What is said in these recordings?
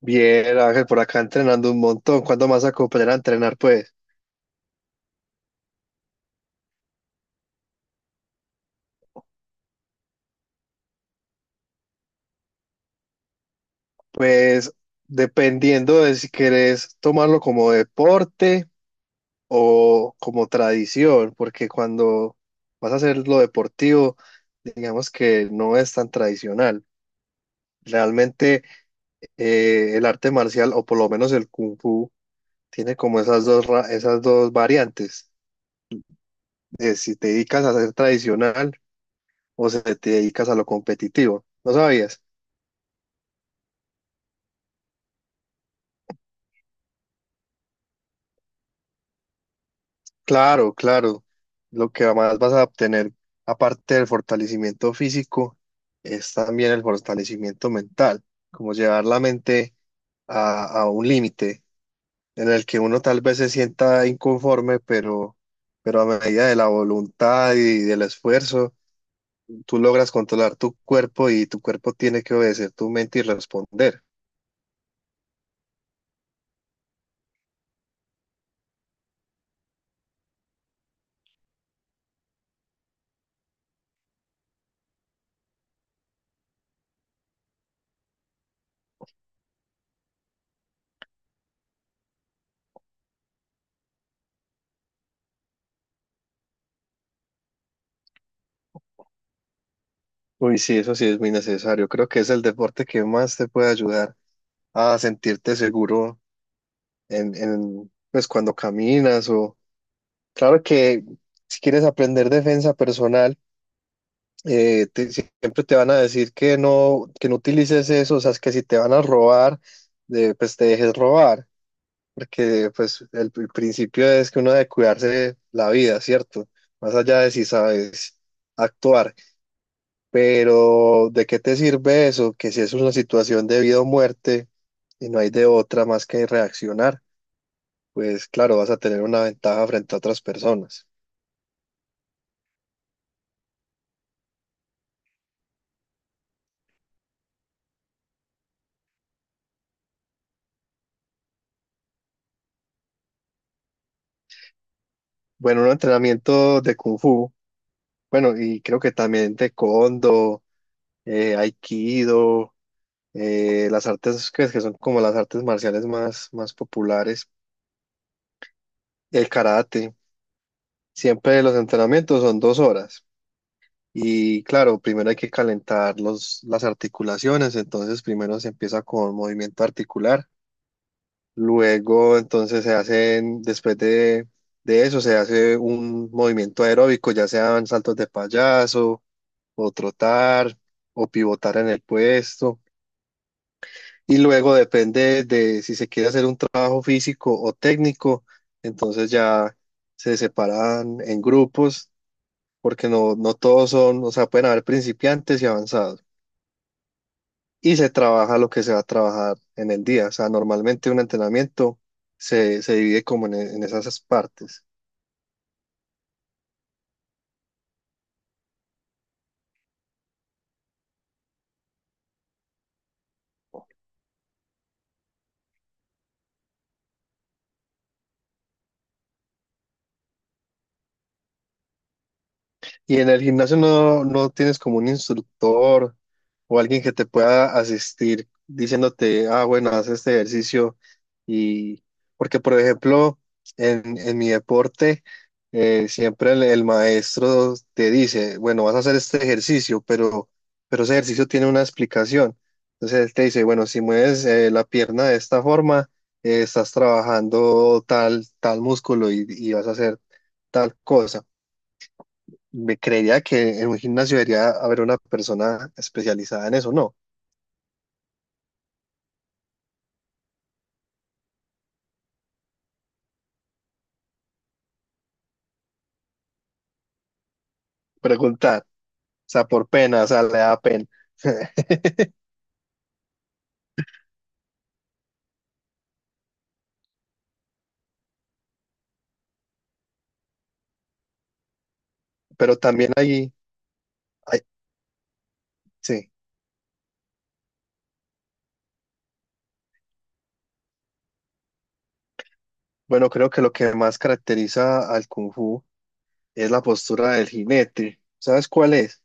Bien, Ángel, por acá entrenando un montón. ¿Cuándo más a cooperar a entrenar? Pues dependiendo de si querés tomarlo como deporte o como tradición, porque cuando vas a hacer lo deportivo, digamos que no es tan tradicional. Realmente el arte marcial, o por lo menos el kung fu, tiene como esas dos, esas dos variantes, de si te dedicas a ser tradicional o si te dedicas a lo competitivo. ¿No sabías? Claro, claro. Lo que más vas a obtener, aparte del fortalecimiento físico, es también el fortalecimiento mental, como llevar la mente a un límite en el que uno tal vez se sienta inconforme, pero a medida de la voluntad y del esfuerzo, tú logras controlar tu cuerpo y tu cuerpo tiene que obedecer tu mente y responder. Uy, sí, eso sí es muy necesario. Creo que es el deporte que más te puede ayudar a sentirte seguro pues cuando caminas o claro que si quieres aprender defensa personal, siempre te van a decir que no utilices eso, o sea, es que si te van a robar, pues te dejes robar, porque pues el principio es que uno debe cuidarse la vida, ¿cierto? Más allá de si sabes actuar, pero ¿de qué te sirve eso? Que si es una situación de vida o muerte y no hay de otra más que reaccionar. Pues claro, vas a tener una ventaja frente a otras personas. Bueno, un entrenamiento de Kung Fu, bueno, y creo que también de Kondo, Aikido, las artes que son como las artes marciales más populares, el karate. Siempre los entrenamientos son 2 horas. Y claro, primero hay que calentar las articulaciones, entonces primero se empieza con movimiento articular. Luego, entonces se hacen, después de eso, se hace un movimiento aeróbico, ya sean saltos de payaso, o trotar, o pivotar en el puesto. Y luego depende de si se quiere hacer un trabajo físico o técnico, entonces ya se separan en grupos, porque no todos son, o sea, pueden haber principiantes y avanzados. Y se trabaja lo que se va a trabajar en el día. O sea, normalmente un entrenamiento se divide como en esas partes. Y en el gimnasio no tienes como un instructor o alguien que te pueda asistir diciéndote, ah, bueno, haz este ejercicio. Y porque, por ejemplo, en mi deporte, siempre el maestro te dice, bueno, vas a hacer este ejercicio, pero ese ejercicio tiene una explicación. Entonces él te dice, bueno, si mueves la pierna de esta forma, estás trabajando tal músculo y vas a hacer tal cosa. Me creería que en un gimnasio debería haber una persona especializada en eso, ¿no? Preguntar, o sea, por pena, o sea, le da pena. Pero también ahí, ahí- sí, bueno, creo que lo que más caracteriza al Kung Fu es la postura del jinete. ¿Sabes cuál es?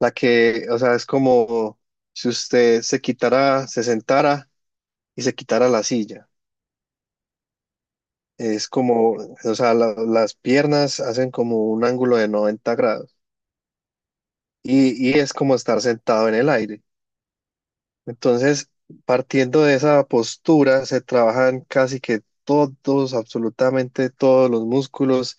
La que, o sea, es como si usted se quitara, se sentara y se quitara la silla. Es como, o sea, las piernas hacen como un ángulo de 90° y es como estar sentado en el aire. Entonces, partiendo de esa postura, se trabajan casi que todos, absolutamente todos los músculos,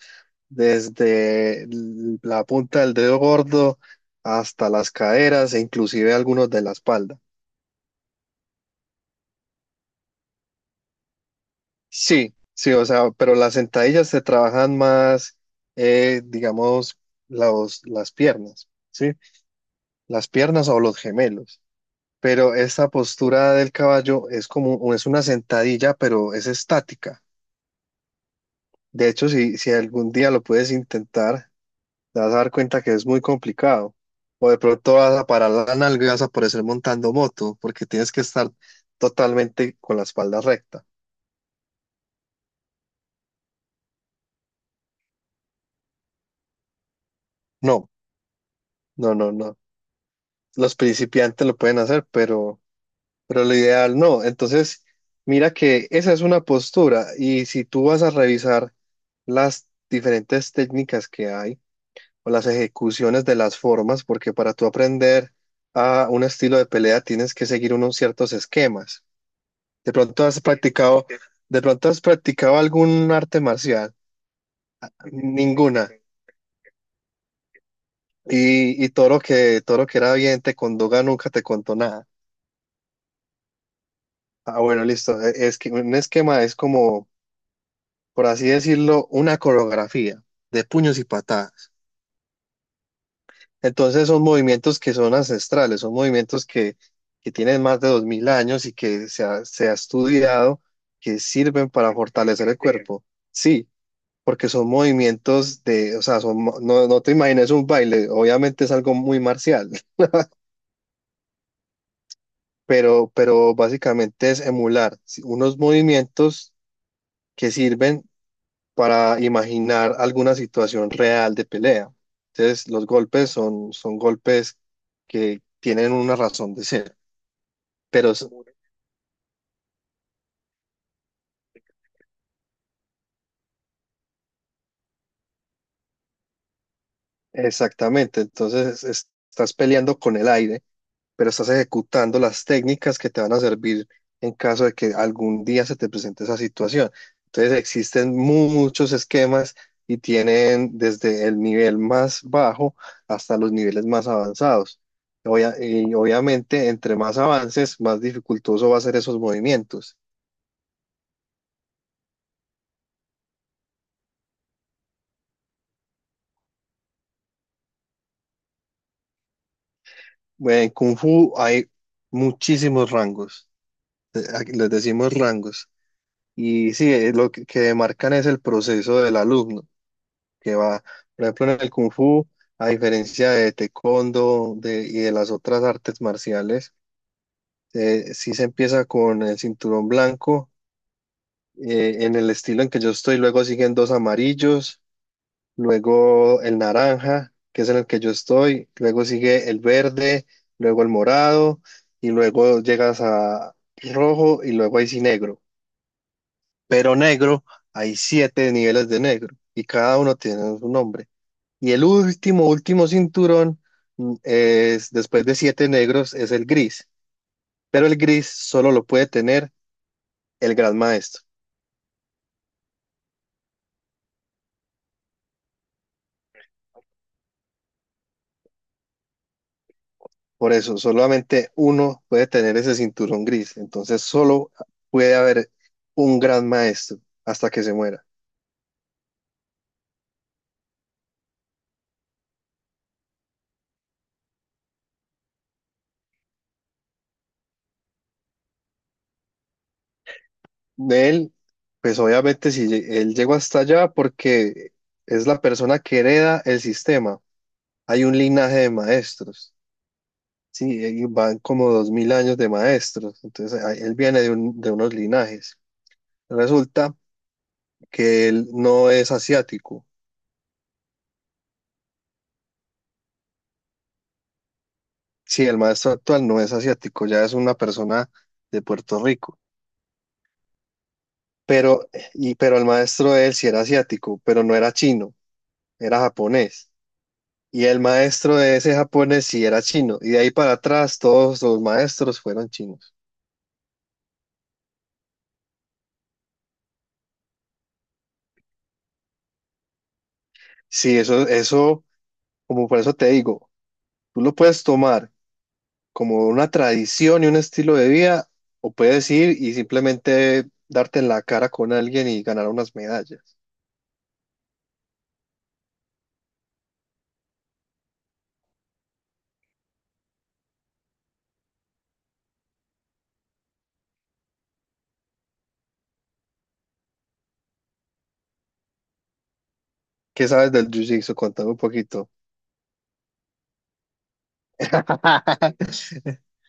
desde la punta del dedo gordo hasta las caderas e inclusive algunos de la espalda. Sí, sí, o sea, pero las sentadillas se trabajan más, digamos, las piernas, ¿sí? Las piernas o los gemelos. Pero esta postura del caballo es como, es una sentadilla, pero es estática. De hecho, si algún día lo puedes intentar, te vas a dar cuenta que es muy complicado. O de pronto vas a parar la nalga y vas a aparecer montando moto, porque tienes que estar totalmente con la espalda recta. No, no, no, no. Los principiantes lo pueden hacer, pero lo ideal no. Entonces, mira que esa es una postura. Y si tú vas a revisar las diferentes técnicas que hay, o las ejecuciones de las formas, porque para tú aprender a un estilo de pelea tienes que seguir unos ciertos esquemas. De pronto has practicado, de pronto has practicado algún arte marcial, ninguna. Y Toro que era bien, Condoga nunca te contó nada. Ah, bueno, listo. Es que un esquema es como, por así decirlo, una coreografía de puños y patadas. Entonces son movimientos que son ancestrales, son movimientos que tienen más de 2000 años y que se ha estudiado que sirven para fortalecer el cuerpo. Sí, porque son movimientos de, o sea, no, no te imagines un baile, obviamente es algo muy marcial, pero básicamente es emular sí, unos movimientos que sirven para imaginar alguna situación real de pelea. Entonces los golpes son, golpes que tienen una razón de ser. pero es- Exactamente, entonces estás peleando con el aire, pero estás ejecutando las técnicas que te van a servir en caso de que algún día se te presente esa situación. Entonces existen muchos esquemas y tienen desde el nivel más bajo hasta los niveles más avanzados. Y obviamente, entre más avances, más dificultoso va a ser esos movimientos. En Kung Fu hay muchísimos rangos, aquí les decimos rangos. Y sí, lo que demarcan es el proceso del alumno, que va, por ejemplo, en el Kung Fu, a diferencia de Taekwondo y de las otras artes marciales, sí se empieza con el cinturón blanco, en el estilo en que yo estoy, luego siguen dos amarillos, luego el naranja, que es en el que yo estoy, luego sigue el verde, luego el morado, y luego llegas a rojo y luego ahí sí negro. Pero negro, hay siete niveles de negro y cada uno tiene su nombre. Y el último cinturón es, después de siete negros, es el gris, pero el gris solo lo puede tener el gran maestro. Por eso, solamente uno puede tener ese cinturón gris. Entonces, solo puede haber un gran maestro hasta que se muera. De él, pues obviamente, si él llegó hasta allá, porque es la persona que hereda el sistema hay un linaje de maestros. Sí, ahí van como 2000 años de maestros, entonces él viene de unos linajes. Resulta que él no es asiático. Sí, el maestro actual no es asiático, ya es una persona de Puerto Rico. Pero, pero el maestro de él sí era asiático, pero no era chino, era japonés. Y el maestro de ese japonés sí era chino. Y de ahí para atrás todos los maestros fueron chinos. Sí, eso, como por eso te digo, tú lo puedes tomar como una tradición y un estilo de vida, o puedes ir y simplemente darte en la cara con alguien y ganar unas medallas. ¿Qué sabes del jiu-jitsu? Contame un poquito.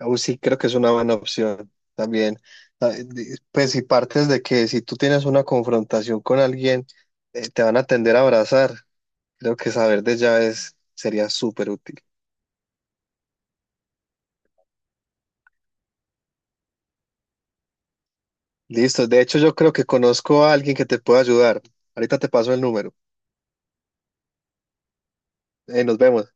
Sí, creo que es una buena opción también. Ah, pues si partes de que si tú tienes una confrontación con alguien, te van a tender a abrazar. Creo que saber de llaves sería súper útil. Listo, de hecho yo creo que conozco a alguien que te puede ayudar. Ahorita te paso el número. Nos vemos.